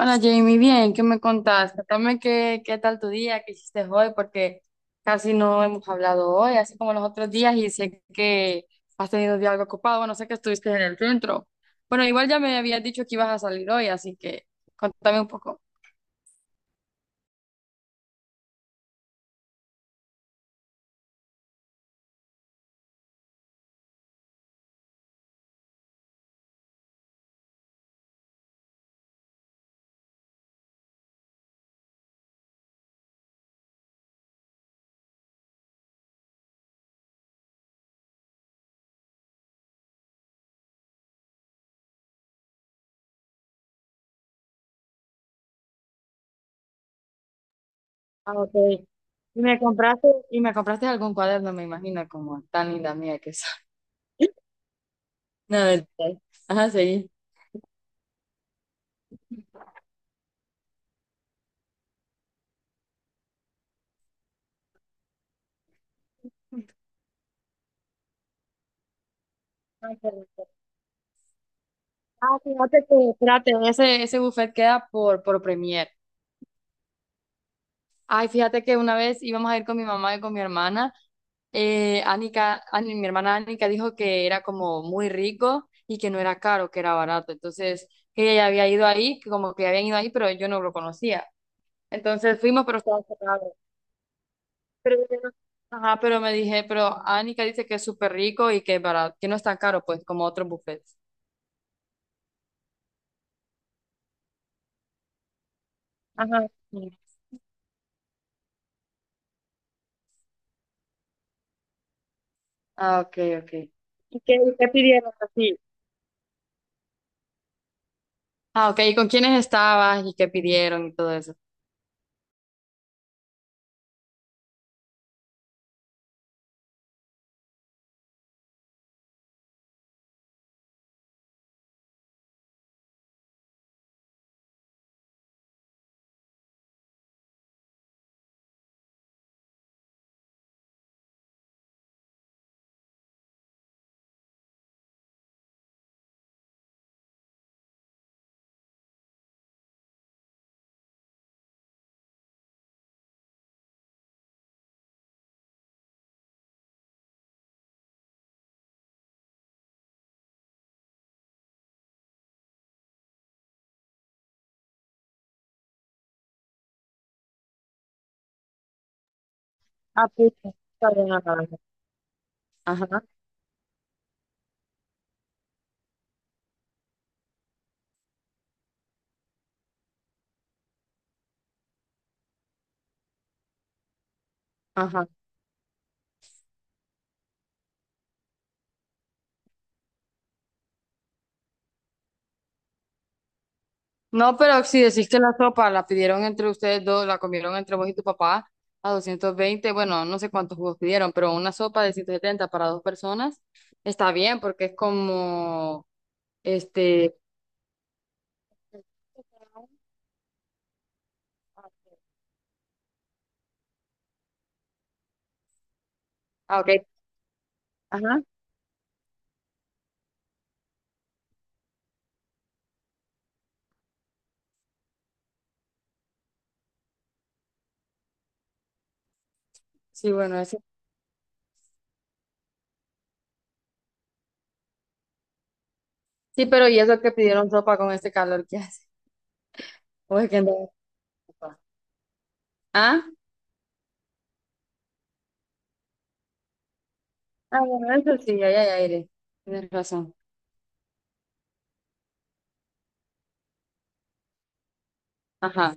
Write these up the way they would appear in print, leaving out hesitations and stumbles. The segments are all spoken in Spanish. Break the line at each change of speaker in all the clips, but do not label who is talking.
Hola Jamie, bien, ¿qué me contás? Contame qué tal tu día, qué hiciste hoy, porque casi no hemos hablado hoy, así como los otros días, y sé que has tenido un día algo ocupado, bueno, sé que estuviste en el centro. Bueno, igual ya me habías dicho que ibas a salir hoy, así que contame un poco. Ah, ok. Y me compraste algún cuaderno, me imagino, como tan linda mía que soy. No, mentira. Ajá, sí. Ah, qué rico. Ah, fíjate que, espérate, ese, buffet queda por Premier. Ay, fíjate que una vez íbamos a ir con mi mamá y con mi hermana. Mi hermana Anika dijo que era como muy rico y que no era caro, que era barato. Entonces, que ella ya había ido ahí, que como que habían ido ahí, pero yo no lo conocía. Entonces fuimos, pero estaba cerrado. Pero, yo no- ajá, pero me dije, pero Anika dice que es súper rico y que es barato, que no es tan caro, pues, como otros buffets. Ajá. Sí. Ah, ok, ok. ¿Y qué, qué pidieron así? Ah, ok. ¿Y con quiénes estabas y qué pidieron y todo eso? Ah, pues, está bien, Ana. Ajá, ajá. No, pero si decís que la sopa la pidieron entre ustedes dos, la comieron entre vos y tu papá a 220, bueno, no sé cuántos jugos pidieron, pero una sopa de 170 para dos personas está bien porque es como, este... Ah, ok. Ajá. Sí, bueno, eso. Sí, pero ¿y eso que pidieron sopa con este calor que hace? ¿O es que no hay sopa? ¿Ah? Ah, bueno, eso sí, ahí hay aire. Tienes razón. Ajá.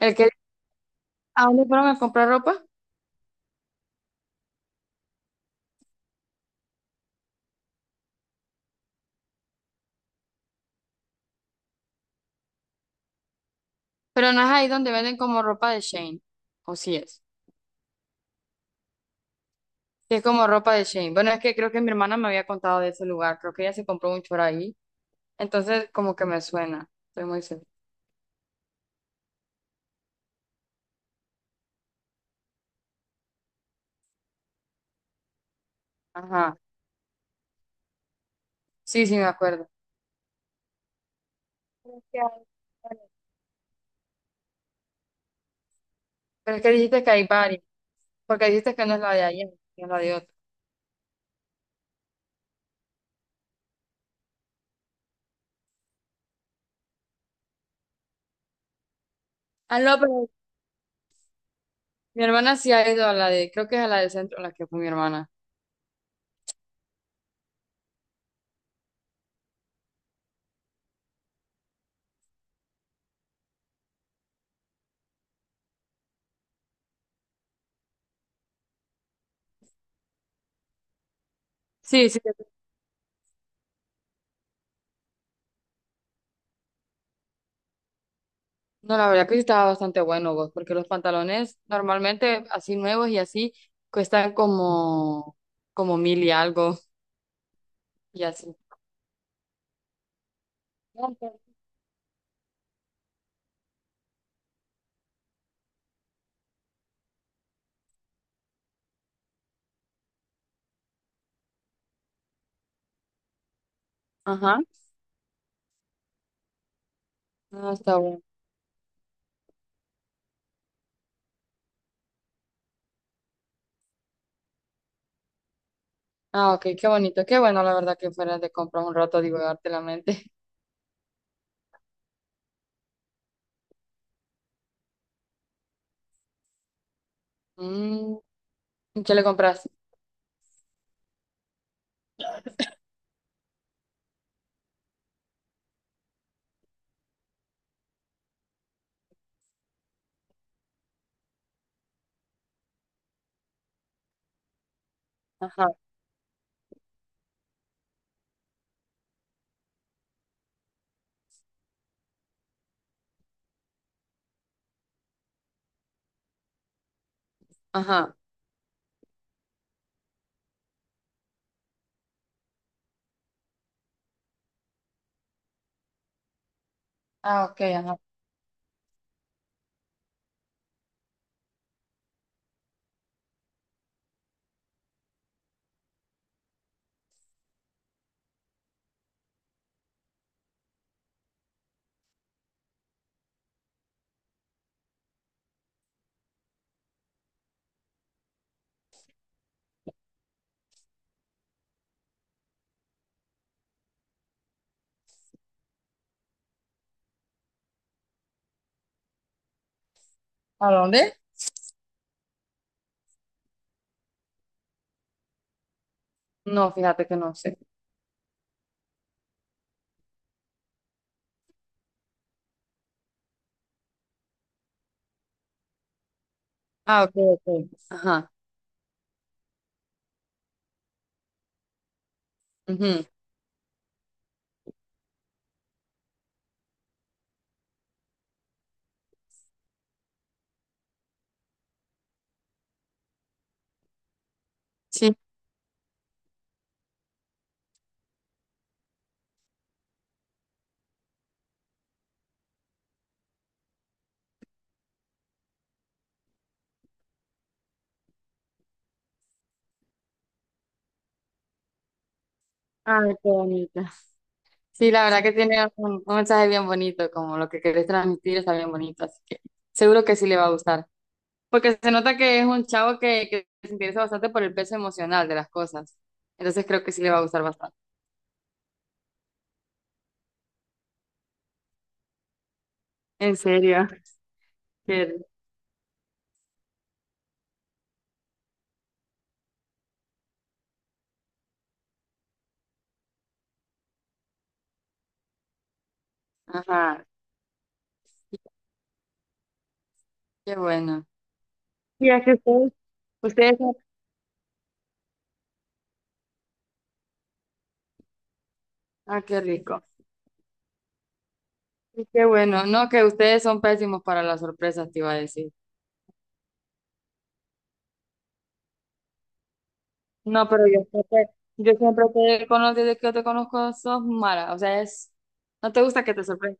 ¿El que... ¿A dónde fueron a comprar ropa? Pero no es ahí donde venden como ropa de Shane, o sí es. Sí es como ropa de Shane. Bueno, es que creo que mi hermana me había contado de ese lugar, creo que ella se compró un choro ahí, entonces como que me suena, estoy muy segura. Ajá, sí, sí, me acuerdo. Pero es que hay varias. Pero es que dijiste que hay varios, porque dijiste que no es la de ayer, que es la de otra. Ah, no, pero mi hermana sí ha ido a la de, creo que es a la del centro, la que fue mi hermana. Sí, sí. No, la verdad que sí estaba bastante bueno vos, porque los pantalones normalmente así nuevos y así cuestan como, como mil y algo y así. Ajá. Ah, está bueno. Ah, ok, qué bonito. Qué bueno, la verdad que fuera de comprar un rato, divagarte la mente. Mm, ¿qué le compras? Ajá, ajá. Ah, ok, ajá. ¿A dónde? No, fíjate que no sé. Ah, ok, ok. Ajá. Ujú. Sí. Ay, qué bonito. Sí, la verdad que tiene un mensaje bien bonito, como lo que querés transmitir está bien bonito, así que seguro que sí le va a gustar. Porque se nota que es un chavo que se interesa bastante por el peso emocional de las cosas. Entonces creo que sí le va a gustar bastante. ¿En serio? Qué- Ajá, sí, qué bueno. Sí, es que ustedes, ustedes. Ah, qué rico. Sí, qué bueno. No, que ustedes son pésimos para las sorpresas, te iba a decir. No, pero yo siempre, conozco desde que yo te conozco sos mala. O sea, es, no te gusta que te sorprendan.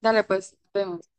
Dale, pues, vemos.